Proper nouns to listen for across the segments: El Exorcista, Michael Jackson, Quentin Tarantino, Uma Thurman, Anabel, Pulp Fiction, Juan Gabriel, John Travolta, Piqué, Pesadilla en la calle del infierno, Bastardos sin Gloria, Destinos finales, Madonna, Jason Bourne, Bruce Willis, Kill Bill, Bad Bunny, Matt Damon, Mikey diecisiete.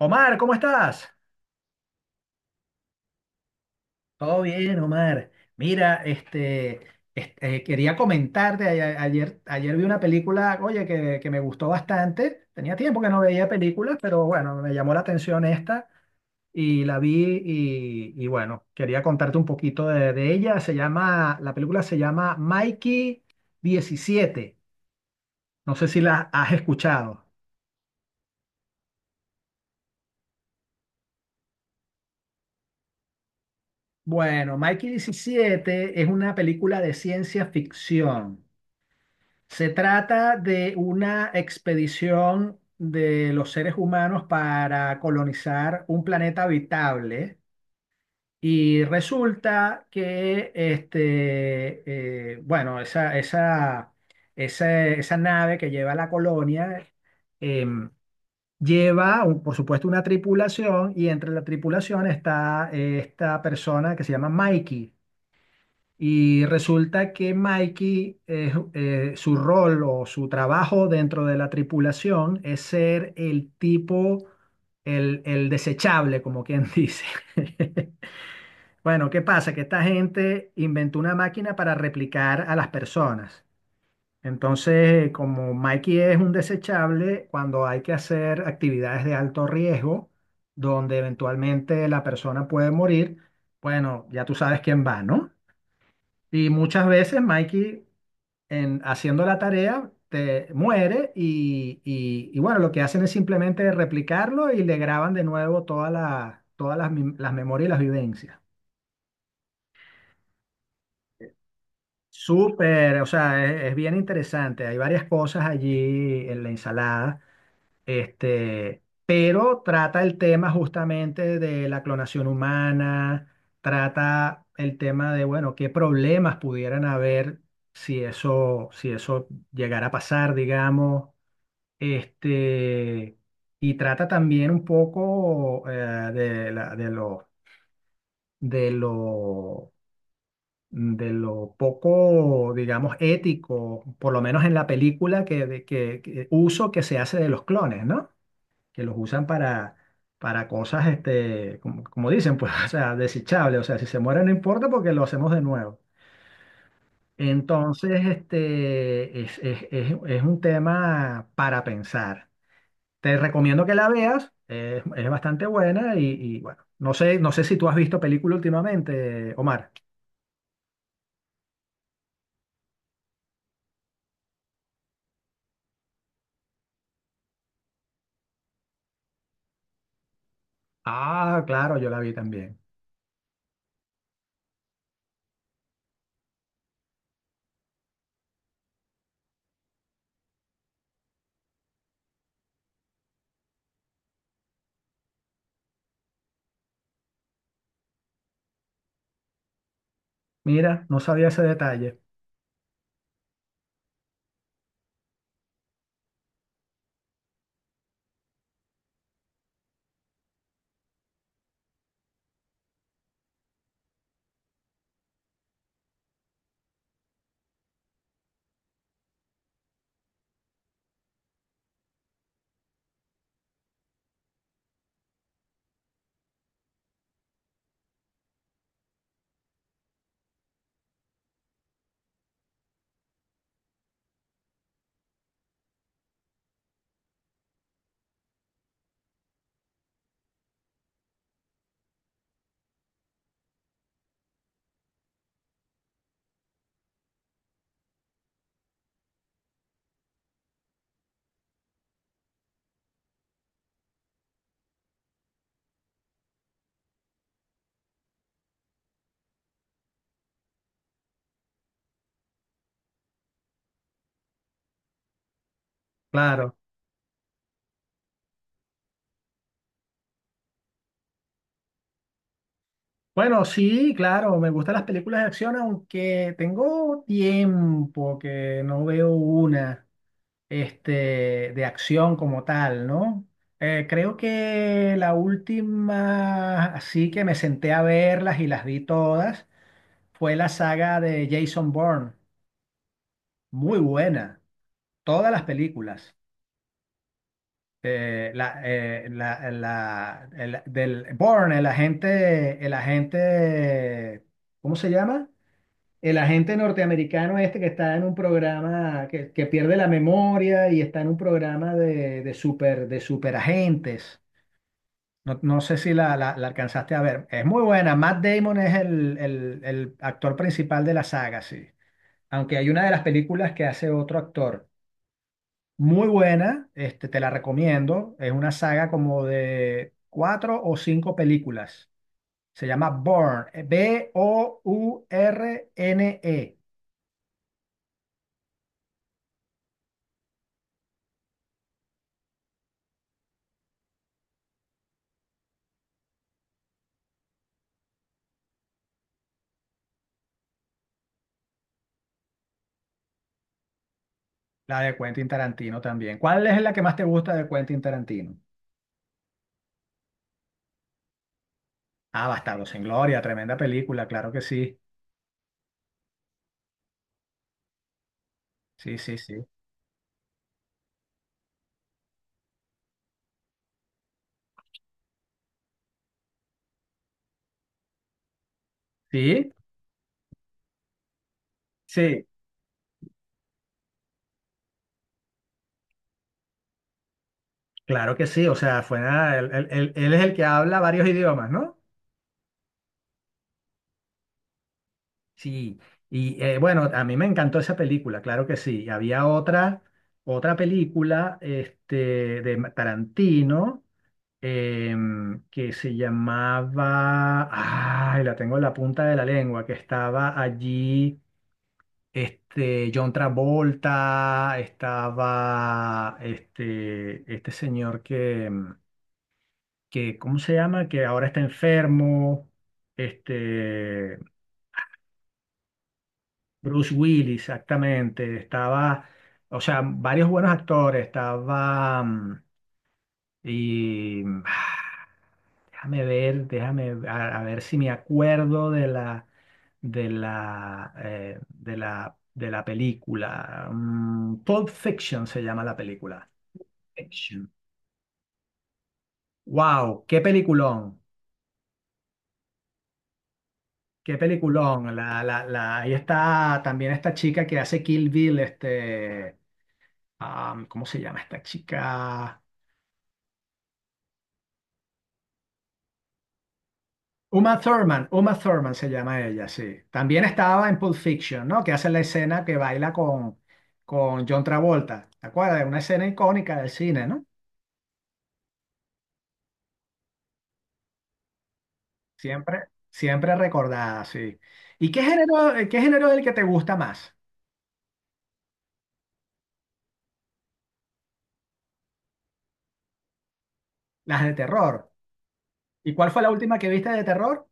Omar, ¿cómo estás? Todo bien, Omar. Mira, quería comentarte, ayer vi una película, oye, que me gustó bastante. Tenía tiempo que no veía películas, pero bueno, me llamó la atención esta y la vi y bueno, quería contarte un poquito de ella. La película se llama Mikey 17. No sé si la has escuchado. Bueno, Mikey 17 es una película de ciencia ficción. Se trata de una expedición de los seres humanos para colonizar un planeta habitable y resulta que, bueno, esa nave que lleva la colonia em, lleva, por supuesto, una tripulación, y entre la tripulación está esta persona que se llama Mikey. Y resulta que Mikey, su rol o su trabajo dentro de la tripulación es ser el tipo, el desechable, como quien dice. Bueno, ¿qué pasa? Que esta gente inventó una máquina para replicar a las personas. Entonces, como Mikey es un desechable, cuando hay que hacer actividades de alto riesgo, donde eventualmente la persona puede morir, bueno, ya tú sabes quién va, ¿no? Y muchas veces Mikey, haciendo la tarea, te muere, y bueno, lo que hacen es simplemente replicarlo y le graban de nuevo todas las memorias y las vivencias. Súper, o sea, es bien interesante. Hay varias cosas allí en la ensalada. Pero trata el tema justamente de la clonación humana, trata el tema de, bueno, qué problemas pudieran haber si eso llegara a pasar, digamos. Este, y trata también un poco de lo, de lo poco, digamos, ético, por lo menos en la película, que, de- que- uso que se hace de los clones, ¿no? Que los usan para cosas, como, como dicen, pues, o sea, desechables. O sea, si se muere no importa porque lo hacemos de nuevo. Entonces, es un tema para pensar. Te recomiendo que la veas, es bastante buena y bueno, no sé si tú has visto película últimamente, Omar. Ah, claro, yo la vi también. Mira, no sabía ese detalle. Claro. Bueno, sí, claro, me gustan las películas de acción, aunque tengo tiempo que no veo una, de acción como tal, ¿no? Creo que la última, así que me senté a verlas y las vi todas, fue la saga de Jason Bourne. Muy buena, todas las películas. Del Bourne, el agente, ¿cómo se llama? El agente norteamericano este que está en un programa que pierde la memoria y está en un programa de superagentes. No, no sé si la alcanzaste a ver. Es muy buena. Matt Damon es el actor principal de la saga, sí. Aunque hay una de las películas que hace otro actor. Muy buena, te la recomiendo. Es una saga como de cuatro o cinco películas. Se llama Bourne Bourne. La de Quentin Tarantino también. ¿Cuál es la que más te gusta de Quentin Tarantino? Ah, Bastardos sin Gloria, tremenda película, claro que sí. Sí, sí, sí. Sí, sí, claro que sí. O sea, fue nada, él es el que habla varios idiomas, ¿no? Sí. Y bueno, a mí me encantó esa película, claro que sí. Y había otra película de Tarantino, que se llamaba, ay, la tengo en la punta de la lengua, que estaba allí. John Travolta, estaba este señor que, ¿cómo se llama? Que ahora está enfermo, este, Bruce Willis, exactamente, estaba, o sea, varios buenos actores, estaba, y ah, déjame ver, déjame a ver si me acuerdo de la de la de la de la película. Pulp Fiction se llama la película. Action. Wow, qué peliculón, qué peliculón. Ahí está también esta chica que hace Kill Bill, ¿cómo se llama esta chica? Uma Thurman, Uma Thurman se llama ella, sí. También estaba en Pulp Fiction, ¿no? Que hace la escena que baila con John Travolta. ¿Te acuerdas? Una escena icónica del cine, ¿no? Siempre, siempre recordada, sí. ¿Y qué género es el que te gusta más? Las de terror. ¿Y cuál fue la última que viste de terror?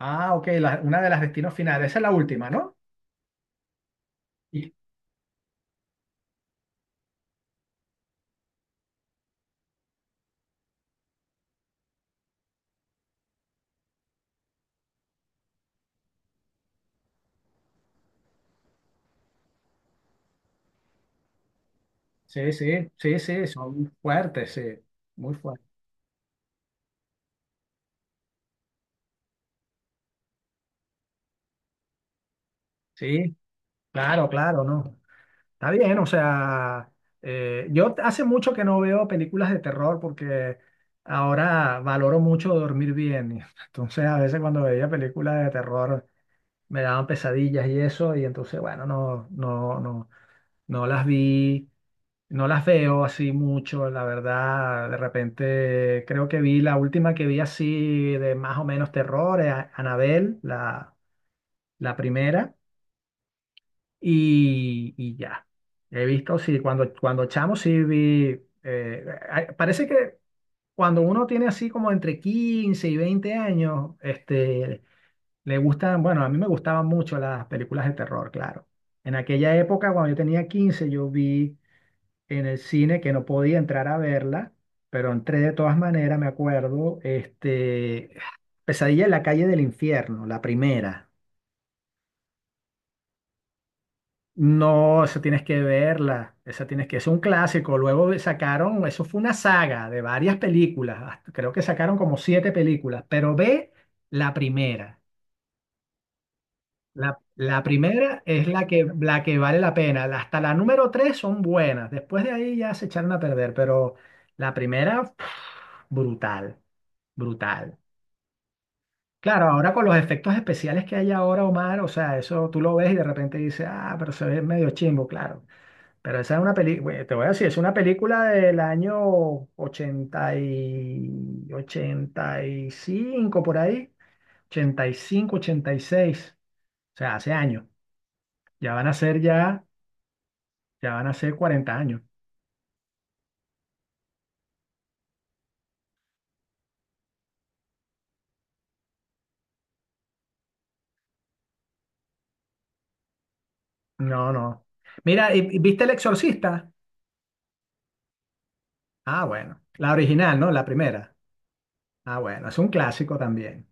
Ah, ok, una de las destinos finales. Esa es la última, ¿no? Y- Sí, sí, sí, sí, son fuertes, sí. Muy fuertes. Sí, claro, claro, ¿no? Está bien, o sea, hace mucho que no veo películas de terror porque ahora valoro mucho dormir bien. Y entonces, a veces cuando veía películas de terror me daban pesadillas y eso, y entonces, bueno, no, no, no, no las vi, no las veo así mucho, la verdad. De repente, creo que vi la última que vi así de más o menos terror, Anabel, la primera y ya. He visto, sí, cuando chamo sí vi, ay, parece que cuando uno tiene así como entre 15 y 20 años, le gustan, bueno, a mí me gustaban mucho las películas de terror, claro. En aquella época, cuando yo tenía 15 yo vi en el cine que no podía entrar a verla, pero entré de todas maneras, me acuerdo, Pesadilla en la calle del infierno, la primera. No, esa tienes que verla, esa tienes que, es un clásico. Luego sacaron, eso fue una saga de varias películas, creo que sacaron como siete películas, pero ve la primera. La primera es la que, vale la pena. Hasta la número tres son buenas, después de ahí ya se echaron a perder, pero la primera, pff, brutal, brutal. Claro, ahora con los efectos especiales que hay ahora, Omar, o sea, eso tú lo ves y de repente dices, ah, pero se ve medio chimbo, claro. Pero esa es una película, te voy a decir, es una película del año 80 y 85 por ahí, ochenta, ochenta y cinco, ochenta y seis, o sea, hace años. Ya van a ser ya, ya van a ser 40 años. No, no. Mira, ¿viste El Exorcista? Ah, bueno. La original, ¿no? La primera. Ah, bueno, es un clásico también.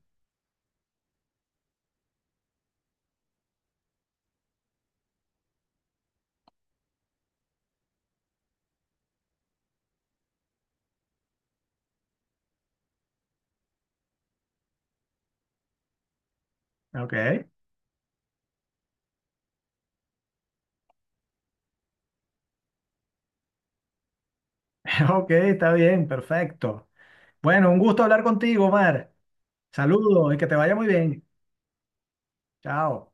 Ok. Ok, está bien, perfecto. Bueno, un gusto hablar contigo, Omar. Saludos y que te vaya muy bien. Chao.